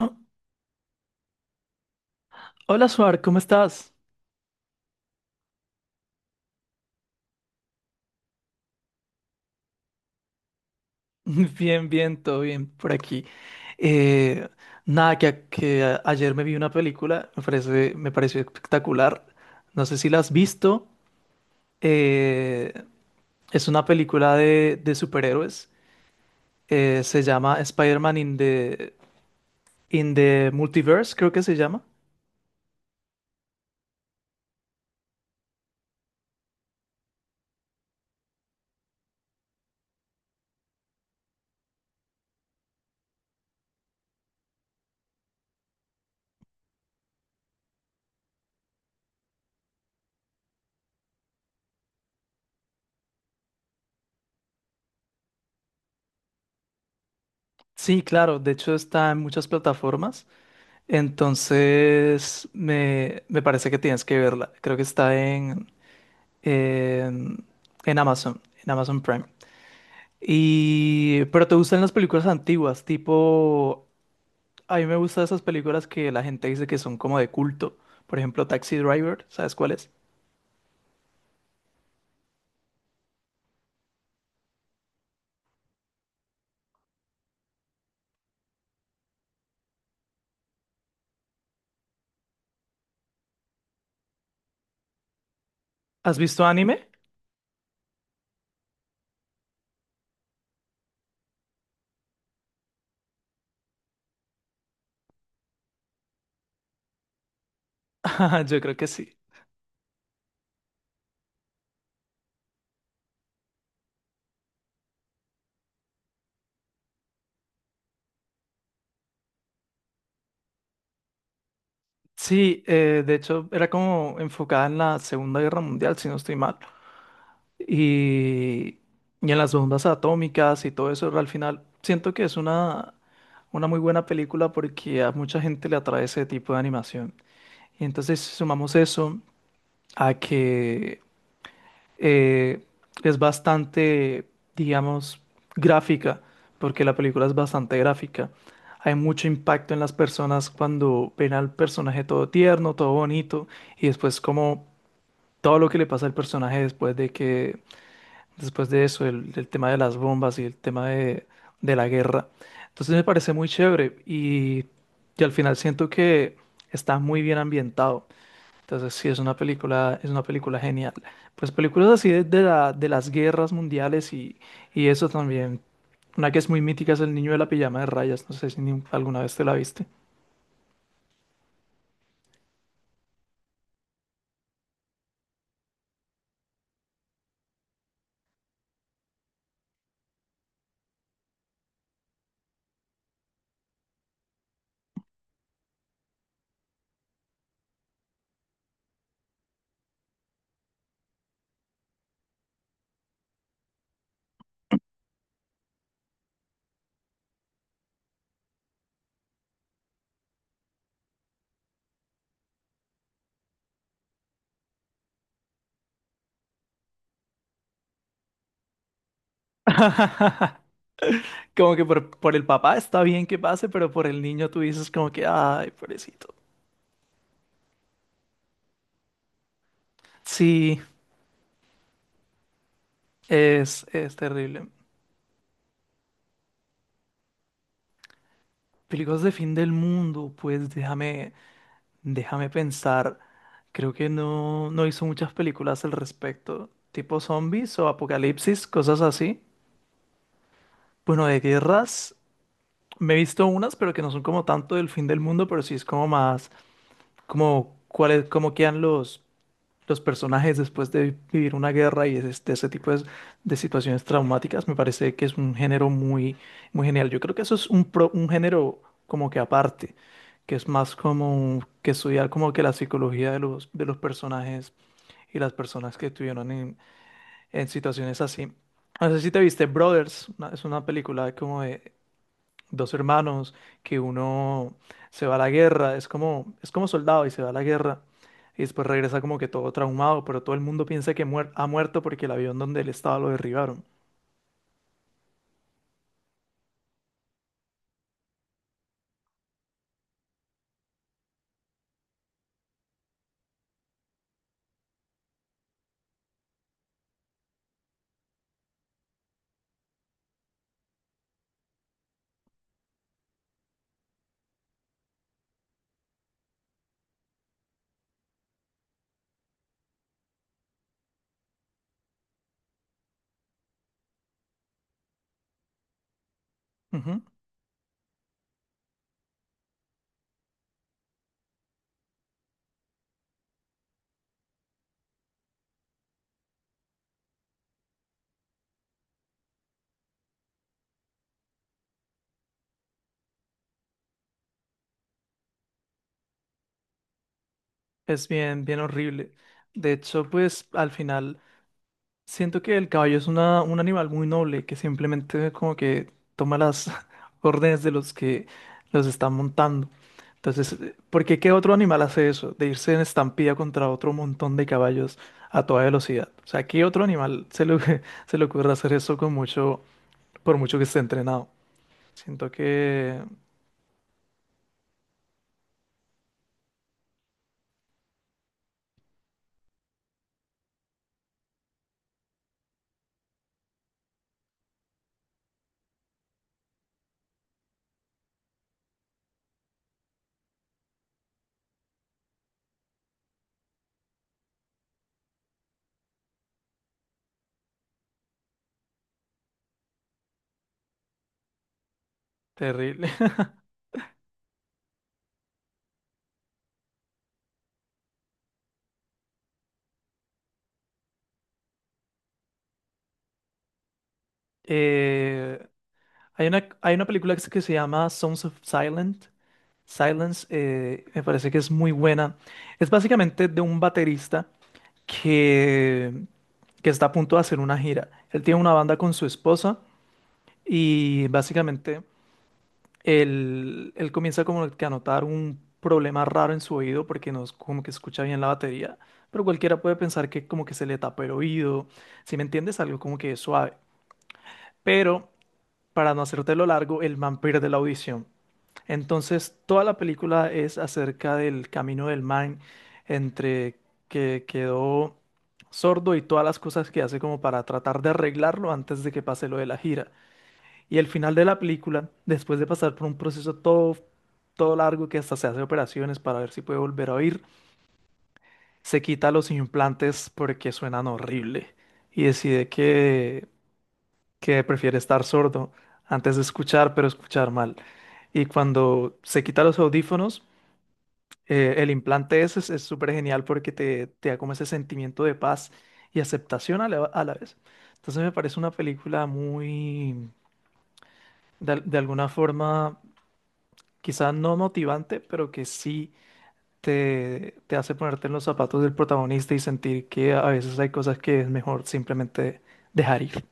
Oh, hola, Suar, ¿cómo estás? Bien, bien, todo bien por aquí. Eh, nada, que ayer me vi una película, me parece, me pareció espectacular. No sé si la has visto. eh, es una película de superhéroes. Se llama Spider-Man in the Multiverse, creo que se llama. Sí, claro, de hecho está en muchas plataformas. Entonces, me parece que tienes que verla. Creo que está eh, en Amazon, en Amazon Prime. Y pero te gustan las películas antiguas, tipo, a mí me gustan esas películas que la gente dice que son como de culto. Por ejemplo, Taxi Driver, ¿sabes cuál es? ¿Has visto anime? Yo creo que sí. Sí, de hecho era como enfocada en la Segunda Guerra Mundial, si no estoy mal. Y, y en las bombas atómicas y todo eso, al final siento que es una muy buena película porque a mucha gente le atrae ese tipo de animación. Y entonces sumamos eso a que eh, es bastante, digamos, gráfica, porque la película es bastante gráfica. Hay mucho impacto en las personas cuando ven al personaje todo tierno, todo bonito, y después como todo lo que le pasa al personaje después de eso, el tema de las bombas y el tema de la guerra. Entonces me parece muy chévere y al final siento que está muy bien ambientado. Entonces sí, es una película genial. Pues películas así de las guerras mundiales y eso también. Una que es muy mítica es El niño de la pijama de rayas. No sé si alguna vez te la viste. Como que por el papá está bien que pase, pero por el niño tú dices como que, ay, pobrecito. Sí, es terrible. Películas de fin del mundo, pues déjame pensar. Creo que no hizo muchas películas al respecto. Tipo zombies o apocalipsis, cosas así. Bueno, de guerras me he visto unas, pero que no son como tanto del fin del mundo, pero sí es como más, como cuáles, cómo quedan los personajes después de vivir una guerra y es ese tipo de situaciones traumáticas. Me parece que es un género muy, muy genial. Yo creo que eso es un género como que aparte, que es más como que estudiar como que la psicología de los personajes y las personas que estuvieron en situaciones así. No sé si te viste Brothers, es una película como de, dos hermanos, que uno se va a la guerra, es como soldado y se va a la guerra y después regresa como que todo traumado, pero todo el mundo piensa que ha muerto porque el avión donde él estaba lo derribaron. Ujú. Es bien, bien horrible. De hecho, pues al final siento que el caballo es un animal muy noble que simplemente como que toma las órdenes de los que los están montando. Entonces, ¿por qué qué otro animal hace eso? De irse en estampida contra otro montón de caballos a toda velocidad. O sea, ¿qué otro animal se le, se le ocurre hacer eso por mucho que esté entrenado? Siento que terrible. Eh, hay una película que se llama Sons of Silent Silence, me parece que es muy buena. Es básicamente de un baterista que, que está a punto de hacer una gira. Él tiene una banda con su esposa y básicamente él comienza como que a notar un problema raro en su oído porque no es como que escucha bien la batería, pero cualquiera puede pensar que como que se le tapa el oído, si me entiendes, algo como que suave. Pero para no hacértelo largo, el man pierde la audición. Entonces, toda la película es acerca del camino del man entre que quedó sordo y todas las cosas que hace como para tratar de arreglarlo antes de que pase lo de la gira. Y el final de la película, después de pasar por un proceso todo largo, que hasta se hace operaciones para ver si puede volver a oír, se quita los implantes porque suenan horrible y decide que prefiere estar sordo antes de escuchar, pero escuchar mal. Y cuando se quita los audífonos, el implante ese es súper genial porque te da como ese sentimiento de paz y aceptación a la vez. Entonces me parece una película muy, de alguna forma, quizás no motivante, pero que sí te hace ponerte en los zapatos del protagonista y sentir que a veces hay cosas que es mejor simplemente dejar ir.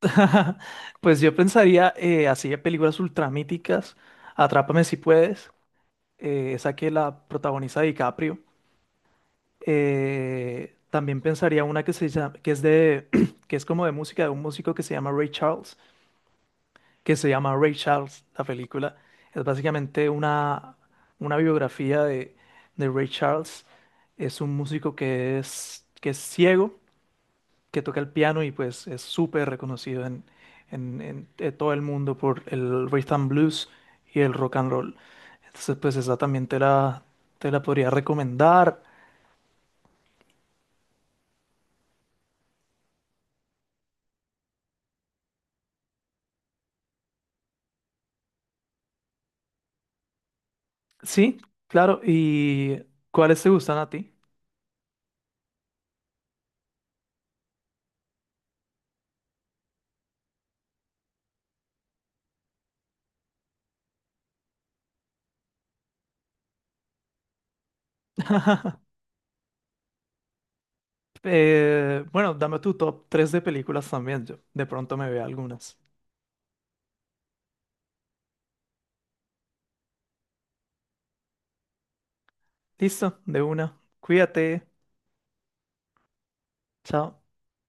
Pues yo pensaría así de películas ultramíticas, Atrápame si puedes, esa que la protagoniza DiCaprio. También pensaría una que se llama, que es de, que es como de música de un músico que se llama Ray Charles, que se llama Ray Charles, la película. Es básicamente una biografía de Ray Charles. Es un músico que es ciego, que toca el piano y pues es súper reconocido en todo el mundo por el rhythm blues y el rock and roll. Entonces pues esa también te la podría recomendar. Sí, claro. ¿Y cuáles te gustan a ti? Bueno, dame tu top 3 de películas también. Yo de pronto me veo algunas. Listo, de una. Cuídate. Chao.